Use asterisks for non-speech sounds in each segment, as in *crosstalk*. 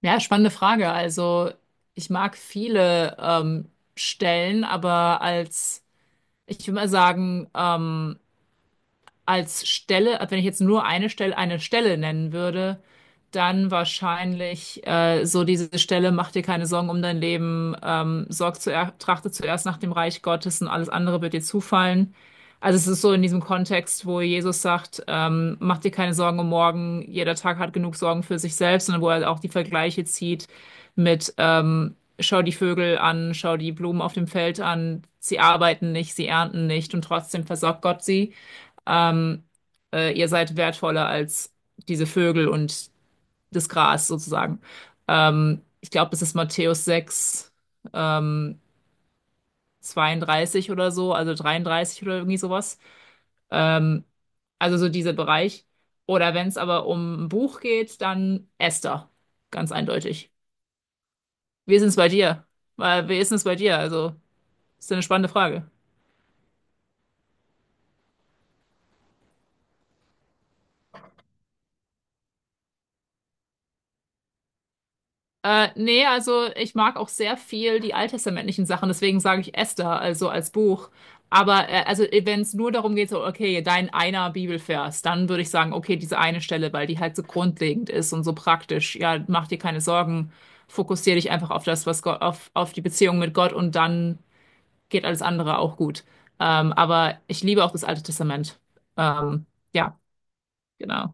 Ja, spannende Frage. Also, ich mag viele Stellen, ich würde mal sagen, als Stelle, also wenn ich jetzt nur eine Stelle nennen würde, dann wahrscheinlich so diese Stelle, mach dir keine Sorgen um dein Leben, sorg zuer trachte zuerst nach dem Reich Gottes und alles andere wird dir zufallen. Also es ist so in diesem Kontext, wo Jesus sagt, mach dir keine Sorgen um morgen, jeder Tag hat genug Sorgen für sich selbst und wo er auch die Vergleiche zieht mit schau die Vögel an, schau die Blumen auf dem Feld an, sie arbeiten nicht, sie ernten nicht und trotzdem versorgt Gott sie, ähm, ihr seid wertvoller als diese Vögel und das Gras sozusagen. Ich glaube, das ist Matthäus 6 ähm, 32 oder so, also 33 oder irgendwie sowas. Ähm, also so dieser Bereich. Oder wenn es aber um ein Buch geht, dann Esther, ganz eindeutig. Wie ist es bei dir? Wie ist es bei dir? Also, ist ja eine spannende Frage. Nee, also ich mag auch sehr viel die alttestamentlichen Sachen, deswegen sage ich Esther, also als Buch. Aber also wenn es nur darum geht, so, okay, dein einer Bibelvers, dann würde ich sagen, okay, diese eine Stelle, weil die halt so grundlegend ist und so praktisch. Ja, mach dir keine Sorgen, fokussier dich einfach auf das, was Gott, auf die Beziehung mit Gott und dann geht alles andere auch gut. Aber ich liebe auch das Alte Testament. Ähm, ja, genau.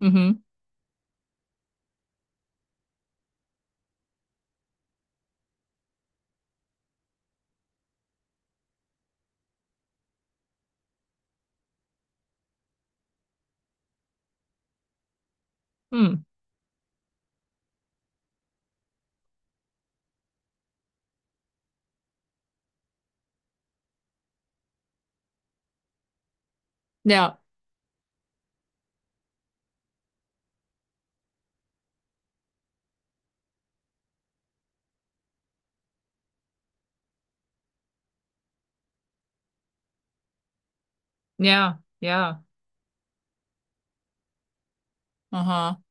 Mhm. Hm. Ja, ja, ja. Aha.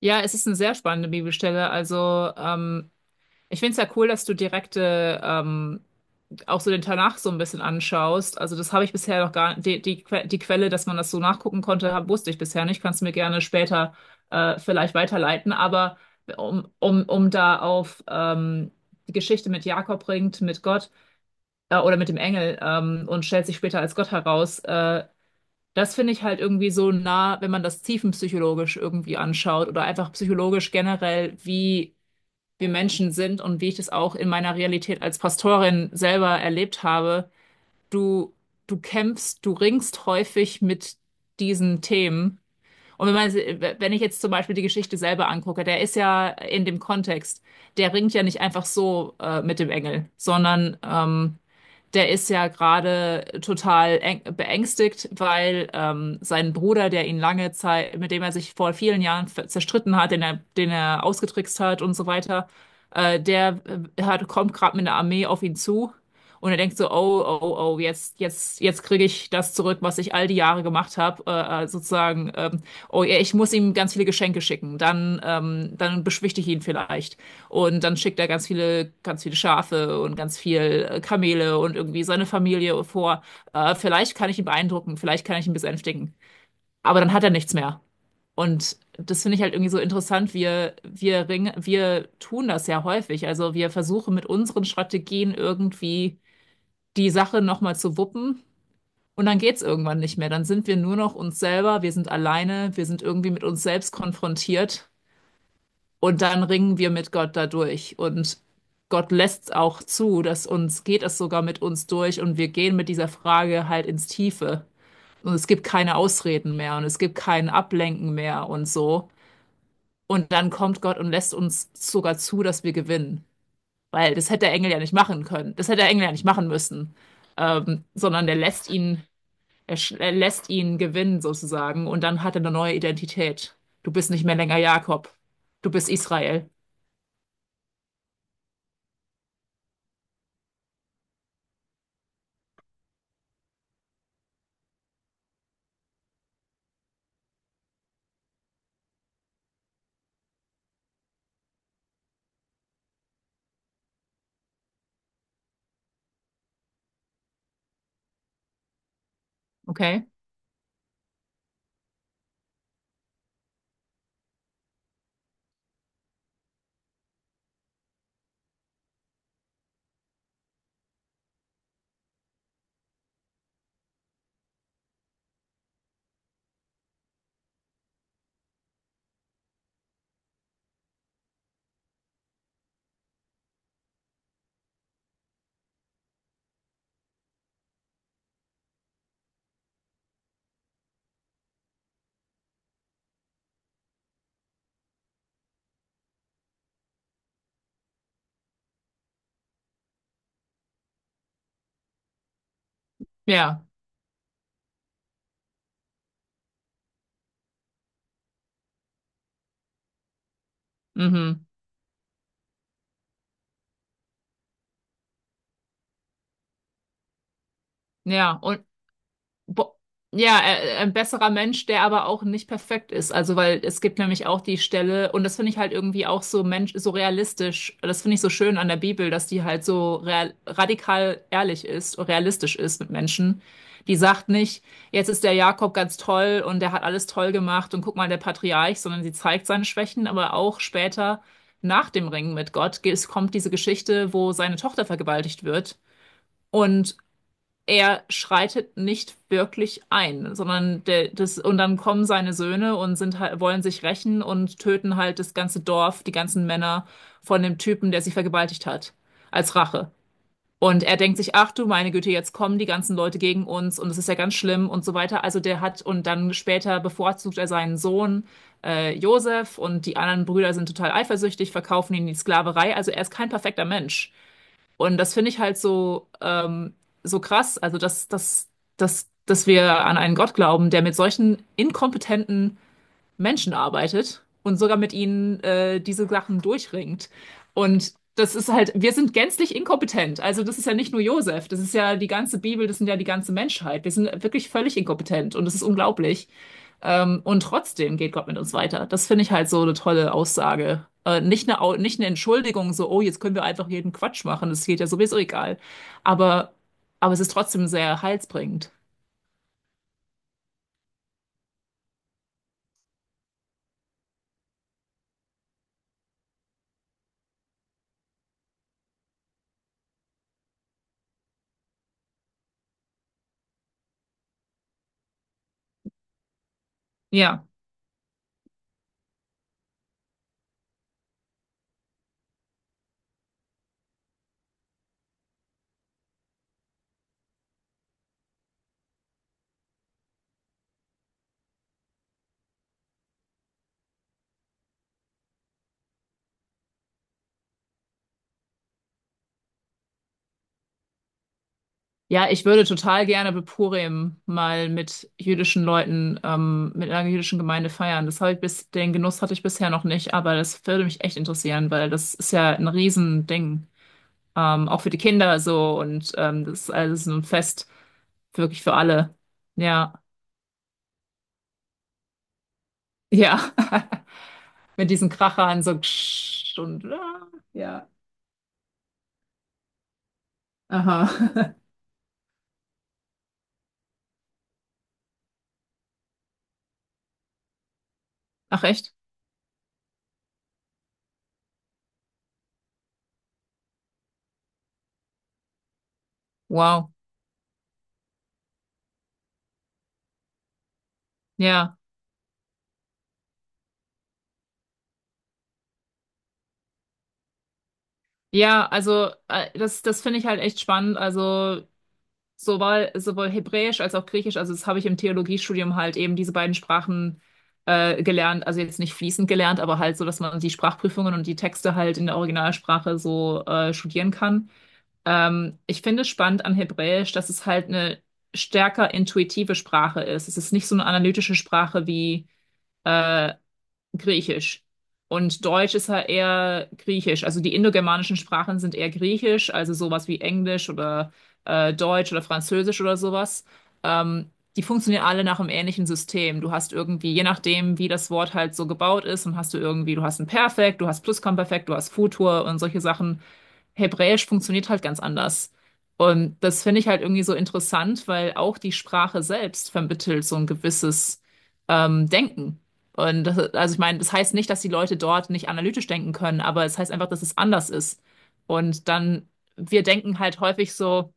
Ja, es ist eine sehr spannende Bibelstelle. Also, ich finde es ja cool, dass du direkte auch so den Tanach so ein bisschen anschaust. Also, das habe ich bisher noch gar die Quelle, dass man das so nachgucken konnte, wusste ich bisher nicht. Kannst du mir gerne später vielleicht weiterleiten. Aber um da auf die Geschichte mit Jakob ringt, mit Gott oder mit dem Engel und stellt sich später als Gott heraus. Das finde ich halt irgendwie so nah, wenn man das tiefenpsychologisch irgendwie anschaut oder einfach psychologisch generell, wie wir Menschen sind und wie ich das auch in meiner Realität als Pastorin selber erlebt habe. Du, du kämpfst, du ringst häufig mit diesen Themen. Und wenn man, wenn ich jetzt zum Beispiel die Geschichte selber angucke, der ist ja in dem Kontext, der ringt ja nicht einfach so mit dem Engel, sondern der ist ja gerade total beängstigt, weil sein Bruder, der ihn lange Zeit, mit dem er sich vor vielen Jahren zerstritten hat, den er ausgetrickst hat und so weiter, äh, der kommt gerade mit einer Armee auf ihn zu und er denkt so, oh, oh, oh, jetzt, jetzt, jetzt kriege ich das zurück, was ich all die Jahre gemacht habe, sozusagen, oh ja, ich muss ihm ganz viele Geschenke schicken, dann, dann beschwichtige ich ihn vielleicht. Und dann schickt er ganz viele Schafe und ganz viel Kamele und irgendwie seine Familie vor. Vielleicht kann ich ihn beeindrucken, vielleicht kann ich ihn besänftigen. Aber dann hat er nichts mehr. Und das finde ich halt irgendwie so interessant. Wir ringen, wir tun das ja häufig. Also wir versuchen mit unseren Strategien irgendwie die Sache nochmal zu wuppen. Und dann geht's irgendwann nicht mehr. Dann sind wir nur noch uns selber. Wir sind alleine. Wir sind irgendwie mit uns selbst konfrontiert. Und dann ringen wir mit Gott dadurch. Und Gott lässt es auch zu, dass uns geht es sogar mit uns durch und wir gehen mit dieser Frage halt ins Tiefe. Und es gibt keine Ausreden mehr und es gibt kein Ablenken mehr und so. Und dann kommt Gott und lässt uns sogar zu, dass wir gewinnen. Weil das hätte der Engel ja nicht machen können. Das hätte der Engel ja nicht machen müssen. Sondern der lässt ihn, er lässt ihn gewinnen sozusagen. Und dann hat er eine neue Identität. Du bist nicht mehr länger Jakob. Du bist Israel. Okay? Ja, mhm. Ja, und bo ja, ein besserer Mensch, der aber auch nicht perfekt ist. Also, weil es gibt nämlich auch die Stelle, und das finde ich halt irgendwie auch so Mensch, so realistisch. Das finde ich so schön an der Bibel, dass die halt so real, radikal ehrlich ist und realistisch ist mit Menschen. Die sagt nicht, jetzt ist der Jakob ganz toll und der hat alles toll gemacht und guck mal, der Patriarch, sondern sie zeigt seine Schwächen, aber auch später nach dem Ringen mit Gott es kommt diese Geschichte, wo seine Tochter vergewaltigt wird. Und er schreitet nicht wirklich ein, sondern und dann kommen seine Söhne und sind halt, wollen sich rächen und töten halt das ganze Dorf, die ganzen Männer von dem Typen, der sie vergewaltigt hat, als Rache. Und er denkt sich, ach du meine Güte, jetzt kommen die ganzen Leute gegen uns und es ist ja ganz schlimm und so weiter. Also der hat, und dann später bevorzugt er seinen Sohn, Josef und die anderen Brüder sind total eifersüchtig, verkaufen ihn in die Sklaverei. Also er ist kein perfekter Mensch. Und das finde ich halt so, so krass, also dass wir an einen Gott glauben, der mit solchen inkompetenten Menschen arbeitet und sogar mit ihnen diese Sachen durchringt. Und das ist halt, wir sind gänzlich inkompetent. Also das ist ja nicht nur Josef, das ist ja die ganze Bibel, das sind ja die ganze Menschheit. Wir sind wirklich völlig inkompetent und das ist unglaublich. Und trotzdem geht Gott mit uns weiter. Das finde ich halt so eine tolle Aussage. Nicht eine Entschuldigung, so, oh, jetzt können wir einfach jeden Quatsch machen, das geht ja sowieso egal. Aber, aber es ist trotzdem sehr heilsbringend. Ja. Ja, ich würde total gerne Beppurim mal mit jüdischen Leuten, mit einer jüdischen Gemeinde feiern. Das habe ich bis, den Genuss hatte ich bisher noch nicht, aber das würde mich echt interessieren, weil das ist ja ein Riesending. Auch für die Kinder so und das ist alles so ein Fest wirklich für alle. Ja. Ja, *laughs* mit diesen Krachern so ksch und ah, ja, aha. *laughs* Ach echt? Wow. Ja, ja, also das finde ich halt echt spannend. Also sowohl Hebräisch als auch Griechisch, also das habe ich im Theologiestudium halt eben diese beiden Sprachen gelernt, also jetzt nicht fließend gelernt, aber halt so, dass man die Sprachprüfungen und die Texte halt in der Originalsprache so studieren kann. Ich finde spannend an Hebräisch, dass es halt eine stärker intuitive Sprache ist. Es ist nicht so eine analytische Sprache wie äh, Griechisch. Und Deutsch ist halt eher Griechisch. Also die indogermanischen Sprachen sind eher Griechisch, also sowas wie Englisch oder Deutsch oder Französisch oder sowas. Die funktionieren alle nach einem ähnlichen System. Du hast irgendwie, je nachdem, wie das Wort halt so gebaut ist, dann hast du irgendwie, du hast ein Perfekt, du hast Plusquamperfekt, du hast Futur und solche Sachen. Hebräisch funktioniert halt ganz anders. Und das finde ich halt irgendwie so interessant, weil auch die Sprache selbst vermittelt so ein gewisses Denken. Und das, also ich meine, das heißt nicht, dass die Leute dort nicht analytisch denken können, aber es heißt einfach, dass es anders ist. Und dann, wir denken halt häufig so,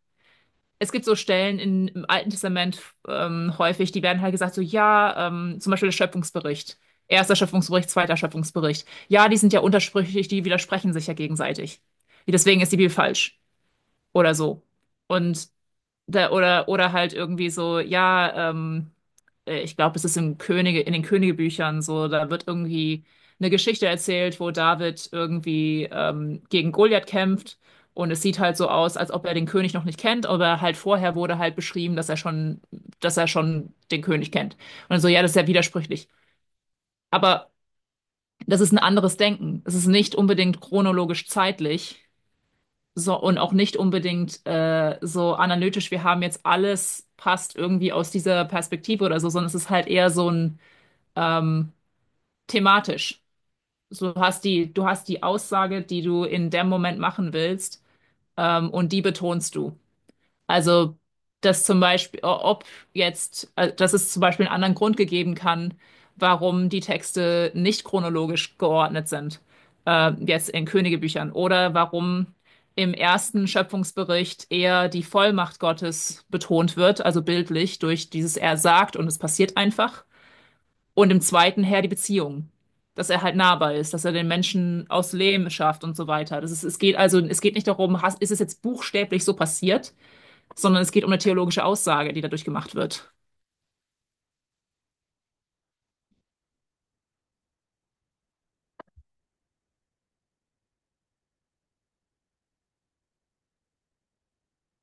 es gibt so Stellen im Alten Testament häufig, die werden halt gesagt, so ja, zum Beispiel der Schöpfungsbericht. Erster Schöpfungsbericht, zweiter Schöpfungsbericht. Ja, die sind ja untersprüchlich, die widersprechen sich ja gegenseitig. Deswegen ist die Bibel falsch oder so. Und da, oder halt irgendwie so, ja, ich glaube, es ist im Könige, in den Königebüchern so, da wird irgendwie eine Geschichte erzählt, wo David irgendwie gegen Goliath kämpft und es sieht halt so aus, als ob er den König noch nicht kennt, aber halt vorher wurde halt beschrieben, dass er schon den König kennt. Und so, ja, das ist ja widersprüchlich. Aber das ist ein anderes Denken. Es ist nicht unbedingt chronologisch zeitlich so, und auch nicht unbedingt so analytisch, wir haben jetzt alles passt irgendwie aus dieser Perspektive oder so, sondern es ist halt eher so ein ähm, thematisch. So, Du hast du hast die Aussage, die du in dem Moment machen willst, und die betonst du. Also, dass zum Beispiel, ob jetzt, dass es zum Beispiel einen anderen Grund gegeben kann, warum die Texte nicht chronologisch geordnet sind, jetzt in Königebüchern, oder warum im ersten Schöpfungsbericht eher die Vollmacht Gottes betont wird, also bildlich durch dieses Er sagt und es passiert einfach, und im zweiten her die Beziehung. Dass er halt nahbar ist, dass er den Menschen aus Lehm schafft und so weiter. Das ist, es geht also, es geht nicht darum, hast, ist es jetzt buchstäblich so passiert, sondern es geht um eine theologische Aussage, die dadurch gemacht wird.